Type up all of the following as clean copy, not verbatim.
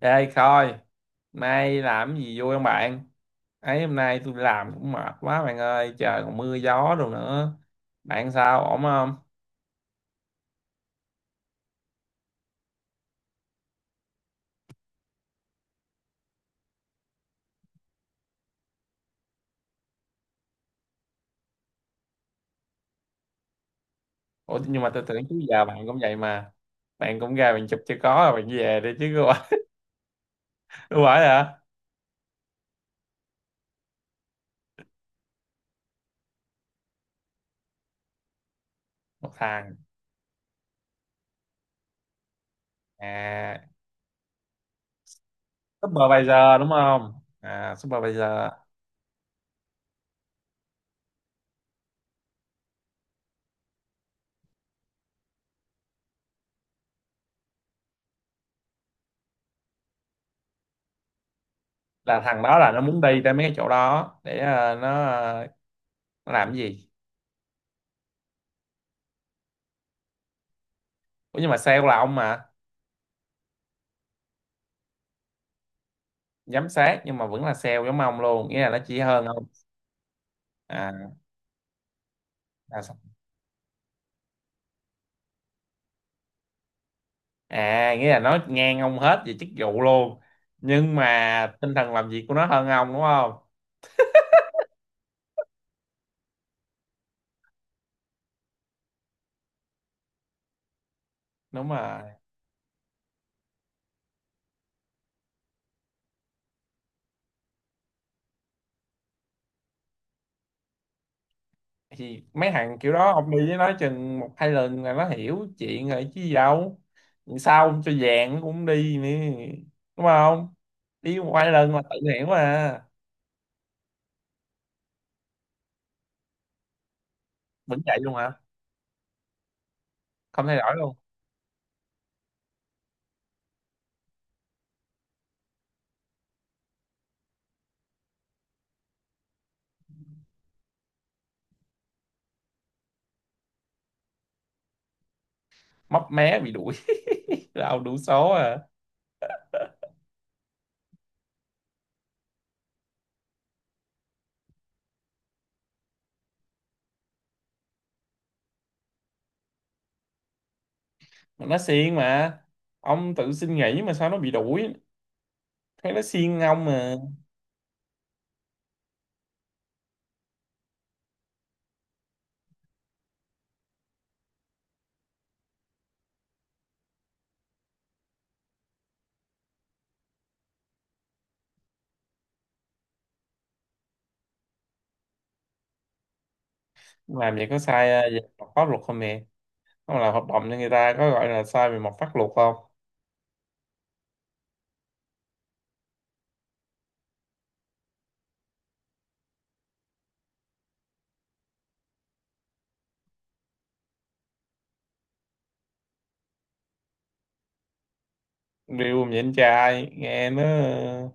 Ê coi, nay làm cái gì vui không bạn? Ấy hôm nay tôi làm cũng mệt quá bạn ơi, trời còn mưa gió đồ nữa. Bạn sao, ổn không? Ủa nhưng mà tôi tưởng trước giờ bạn cũng vậy mà. Bạn cũng ra bạn chụp cho có rồi bạn về đi chứ, không phải không hả? Một thằng. À, supervisor đúng không? Supervisor là thằng đó là nó muốn đi tới mấy cái chỗ đó để, nó làm cái gì? Ủa nhưng mà sale là ông mà, giám sát nhưng mà vẫn là sale giống ông luôn, nghĩa là nó chỉ hơn ông. À. À, sao? À nghĩa là nó ngang ông hết về chức vụ luôn, nhưng mà tinh thần làm việc của nó hơn ông đúng không? Đúng rồi. Thì mấy thằng kiểu đó ông đi với nó chừng một hai lần là nó hiểu chuyện rồi chứ gì đâu. Sao ông cho vàng nó cũng đi nữa, đúng không? Đi một hai lần là tự hiểu mà. Vẫn vậy luôn hả? Không thay đổi luôn? Mấp mé bị đuổi. Là ông đủ số à? Mà nó siêng mà. Ông tự xin nghỉ mà sao nó bị đuổi, thấy nó siêng ông mà. Làm vậy có sai về mặt pháp luật không nè? Không làm hợp đồng cho người ta có gọi là sai về mặt pháp luật không? Điều mà vậy anh trai nghe nó,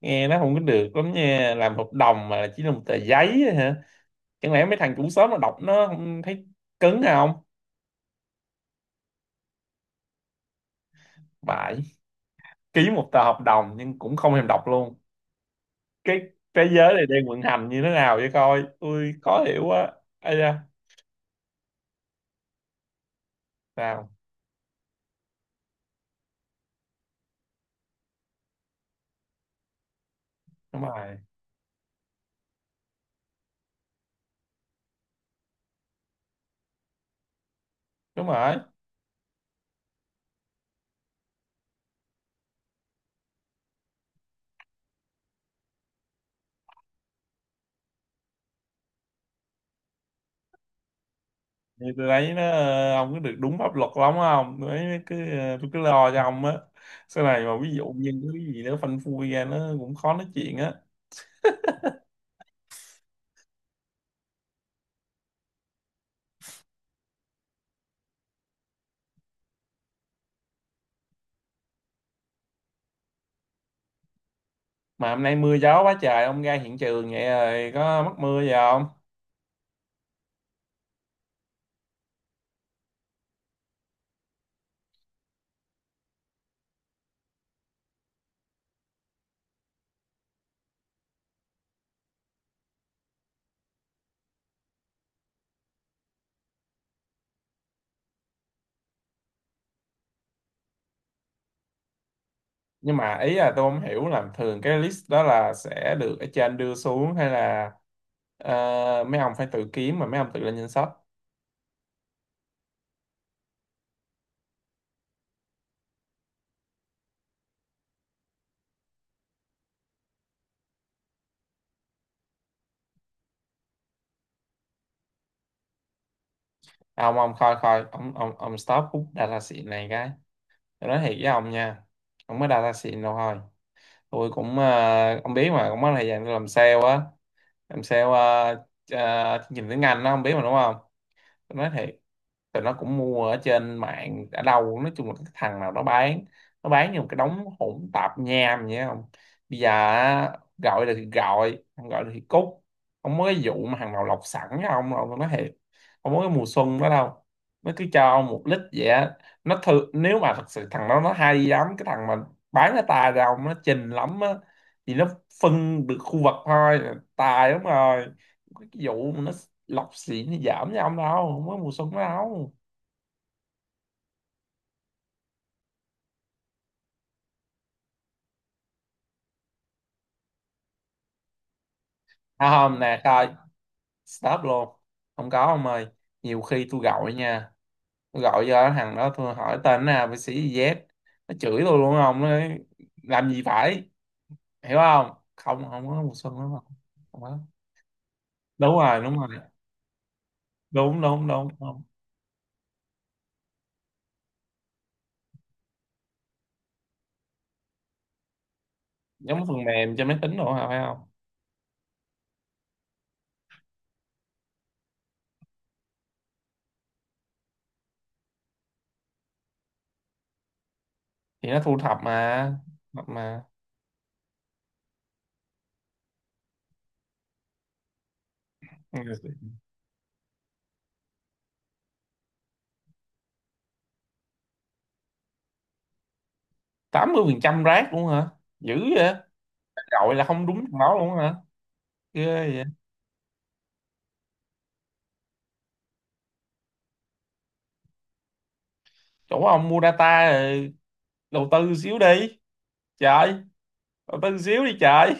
nghe nó không có được lắm nha, làm hợp đồng mà chỉ là một tờ giấy á hả? Chẳng lẽ mấy thằng chủ sớm mà đọc nó không thấy cứng không? Bại, ký một tờ hợp đồng nhưng cũng không thèm đọc luôn. Cái thế giới này đang vận hành như thế nào vậy coi, ui khó hiểu quá. Ây da. Sao? Đúng rồi, đúng rồi. Thì tôi thấy nó, ông cứ được đúng pháp luật lắm không, tôi thấy cứ, tôi cứ lo cho ông á. Sau này mà ví dụ như cái gì nữa phanh phui ra nó cũng khó nói chuyện á. Mà hôm nay mưa gió quá trời ông ra hiện trường vậy rồi có mắc mưa gì không? Nhưng mà ý là tôi không hiểu là thường cái list đó là sẽ được ở trên đưa xuống, hay là mấy ông phải tự kiếm, mà mấy ông tự lên danh sách? À, ông coi coi, ông stop hút data xịn này cái. Tôi nói thiệt với ông nha, không có data xịn đâu thôi. Tôi cũng, à, ông biết mà cũng có thời gian tôi làm sale á. Làm sale, à, à, chương trình tiếng Anh đó ông biết mà đúng không? Tôi nói thiệt, tụi nó cũng mua ở trên mạng ở đâu, nói chung là cái thằng nào nó bán, nó bán như một cái đống hỗn tạp nham vậy không. Bây giờ á, gọi được thì gọi, không gọi được thì cút. Không có cái vụ mà hàng nào lọc sẵn với ông đâu, tôi nói thiệt. Không có cái mùa xuân đó đâu. Nó cứ cho ông một lít vậy á. Nó thử nếu mà thật sự thằng đó nó hay lắm, cái thằng mà bán cái tài ra ông nó trình lắm á, thì nó phân được khu vực thôi, tài lắm rồi. Cái vụ mà nó lọc xỉn thì giảm với ông đâu, không có mùa xuân đó đâu. À, không nè coi, stop luôn, không có ông ơi. Nhiều khi tôi gọi nha, tôi gọi cho thằng đó tôi hỏi tên nào bác sĩ gì Z, nó chửi tôi luôn ông, nó nói, làm gì phải, hiểu không? Không, không có mùa xuân đúng không? Không có. Đúng rồi, đúng rồi. Đúng đúng đúng, không? Giống phần mềm cho máy tính đồ hả phải không? Thì nó thu thập mà, thập mà. Tám mươi phần trăm rác luôn hả? Dữ vậy? Gọi là không đúng thằng đó luôn hả? Ghê vậy. Chỗ ông mua data rồi, đầu tư xíu đi trời, bà tin xíu đi trời.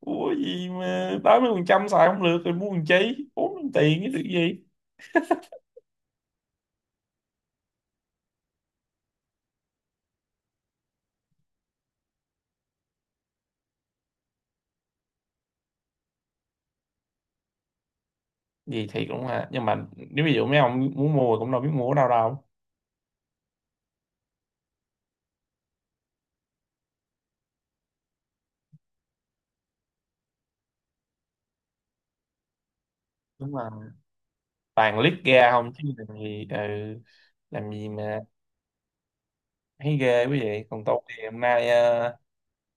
Mua gì mà 80% xài không được, rồi mua làm chi bốn tiền cái được gì? Gì thiệt luôn ha, nhưng mà nếu ví dụ mấy ông muốn mua cũng đâu biết mua ở đâu đâu. Đúng rồi, toàn lít ra không chứ làm gì, ừ. Làm gì mà thấy ghê quý vị. Còn tôi thì hôm nay,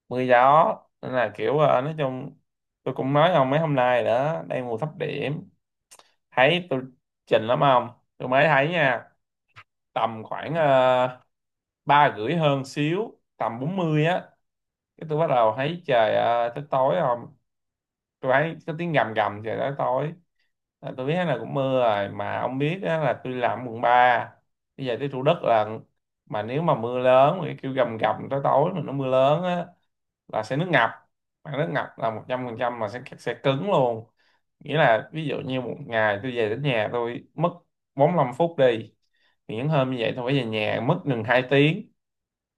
mưa gió, nên là kiểu, nói chung tôi cũng nói ông mấy hôm nay đó đang mùa thấp điểm, thấy tôi trình lắm không? Tôi mới thấy nha, tầm khoảng, ba rưỡi hơn xíu tầm 40 á, cái tôi bắt đầu thấy trời, à, tới tối không? Tôi thấy có tiếng gầm gầm trời tới tối là tôi biết là cũng mưa rồi, mà ông biết á, là tôi làm quận 3. Bây giờ tới Thủ Đức là, mà nếu mà mưa lớn mà cái kêu gầm gầm tới tối mà nó mưa lớn á, là sẽ nước ngập. Mà nước ngập là 100% mà sẽ cứng luôn. Nghĩa là ví dụ như một ngày tôi về đến nhà tôi mất 45 phút đi, thì những hôm như vậy tôi phải về nhà mất gần 2 tiếng.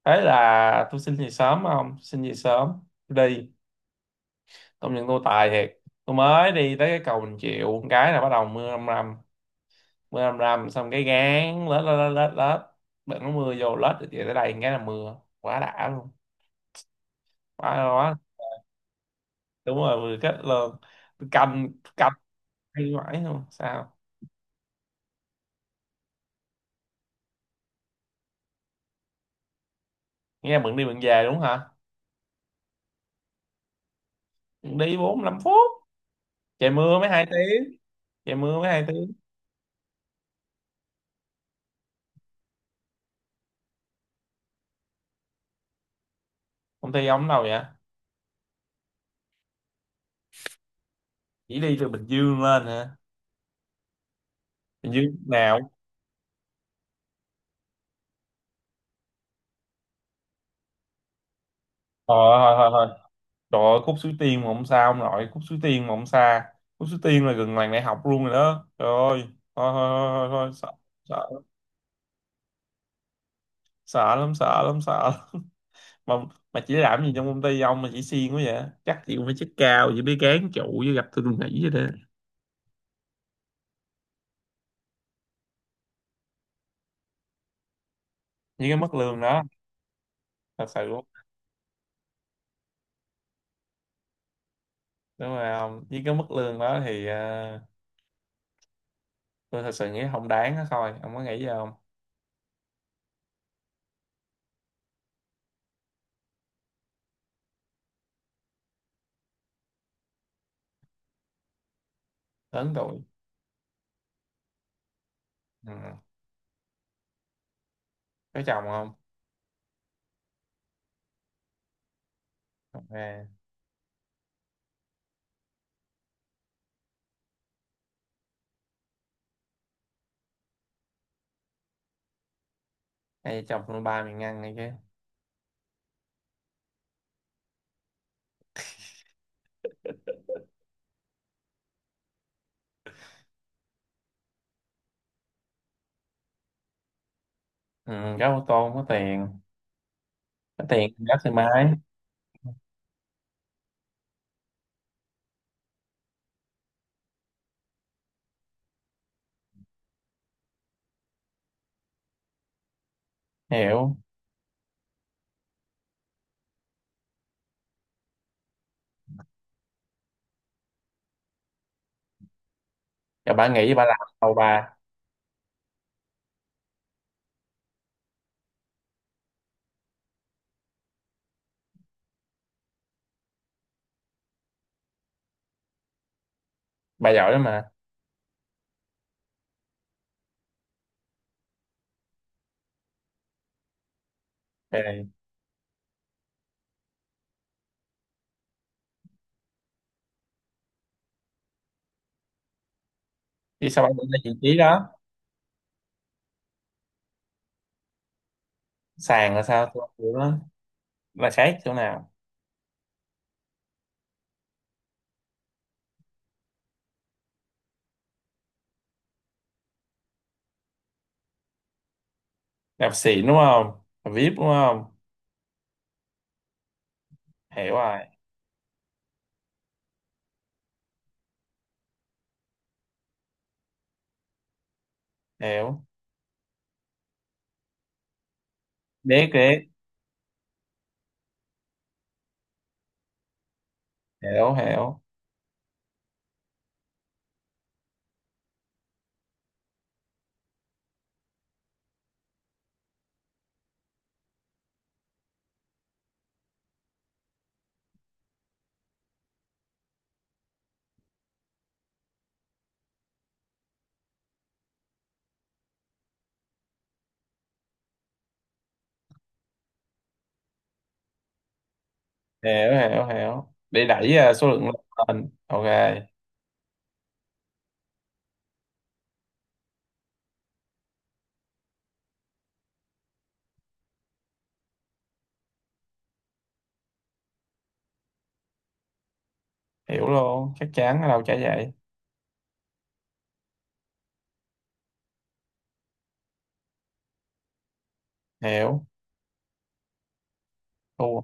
Thế là tôi xin về sớm, không xin về sớm đi công nhận tôi tài thiệt. Tôi mới đi tới cái cầu Bình Triệu một cái là bắt đầu mưa rầm rầm, mưa rầm rầm xong cái gán lết lết lết lết lết, bận nó mưa vô lết được vậy tới đây một cái là mưa quá đã luôn, quá quá. Đúng rồi vừa kết luôn. Tôi cầm, cầm, hay mãi luôn sao? Nghe bận đi bận về đúng hả? Đi 45 phút, trời mưa mới 2 tiếng, trời mưa mới hai tiếng. Công ty ông ở đâu vậy? Chỉ đi từ Bình Dương lên hả? Bình Dương nào? Ờ, thôi thôi thôi. Trời ơi, Khúc Suối Tiên mà không xa ông nội, Khúc Suối Tiên mà không xa. Khúc Suối Tiên là gần làng đại học luôn rồi đó. Trời ơi, thôi thôi thôi, thôi, thôi. Sợ, sợ, lắm, sợ lắm, sợ lắm, sợ lắm. Mà, mà chỉ làm gì trong công ty ông mà chỉ siêng quá vậy? Chắc chị cũng phải chức cao, chỉ biết gán trụ với gặp tôi nghỉ vậy đó. Với cái mức lương đó, thật sự luôn. Đúng rồi ông, với cái mức lương đó thì, tôi thật sự nghĩ không đáng đó thôi. Ông có nghĩ gì không? Lớn tuổi. Ừ. Có chồng không? Ok. Hay chồng tôi ba miệng ăn này chứ. Ừ, có ô tô không có tiền, có tiền rất thoải mái. Hiểu rồi, bà nghĩ bà làm đầu bà. Bà giỏi lắm mà. Rồi. Chứ sao bà nghĩ ra vị trí đó? Sàn là sao tôi không hiểu đó, là khác chỗ nào? Đạp xịn đúng không? Đạp đúng không? Hiểu rồi. Hiểu. Biết biết, hiểu hiểu hiểu. Hiểu hiểu để đẩy, à, số lượng lên, ok. Hiểu luôn, chắc chắn ở đâu chả vậy. Hiểu. Thua.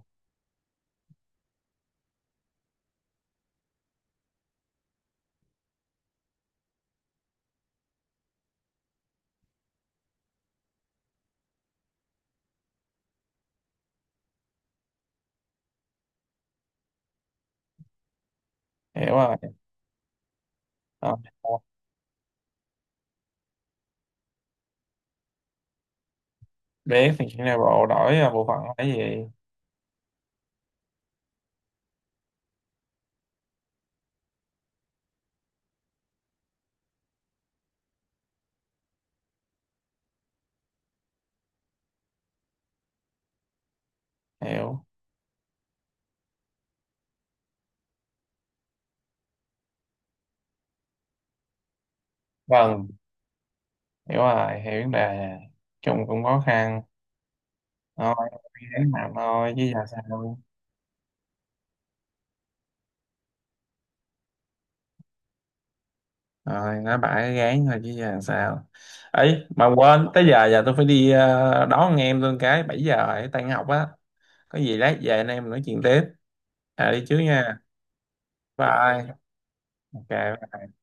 Hiểu rồi. Ờ, biết thì chuyện này bộ đổi, à, bộ phận là cái gì? Hiểu. Vâng. Hiểu rồi, hiểu vấn đề chung cũng khó khăn. Thôi, gán làm thôi chứ giờ sao. Rồi nói bả gán thôi chứ giờ sao. Ấy mà quên tới giờ, giờ tôi phải đi, đón anh em tôi cái 7 giờ rồi tan học á. Có gì lát về anh em nói chuyện tiếp, à đi trước nha. Bye. Ok. Bye.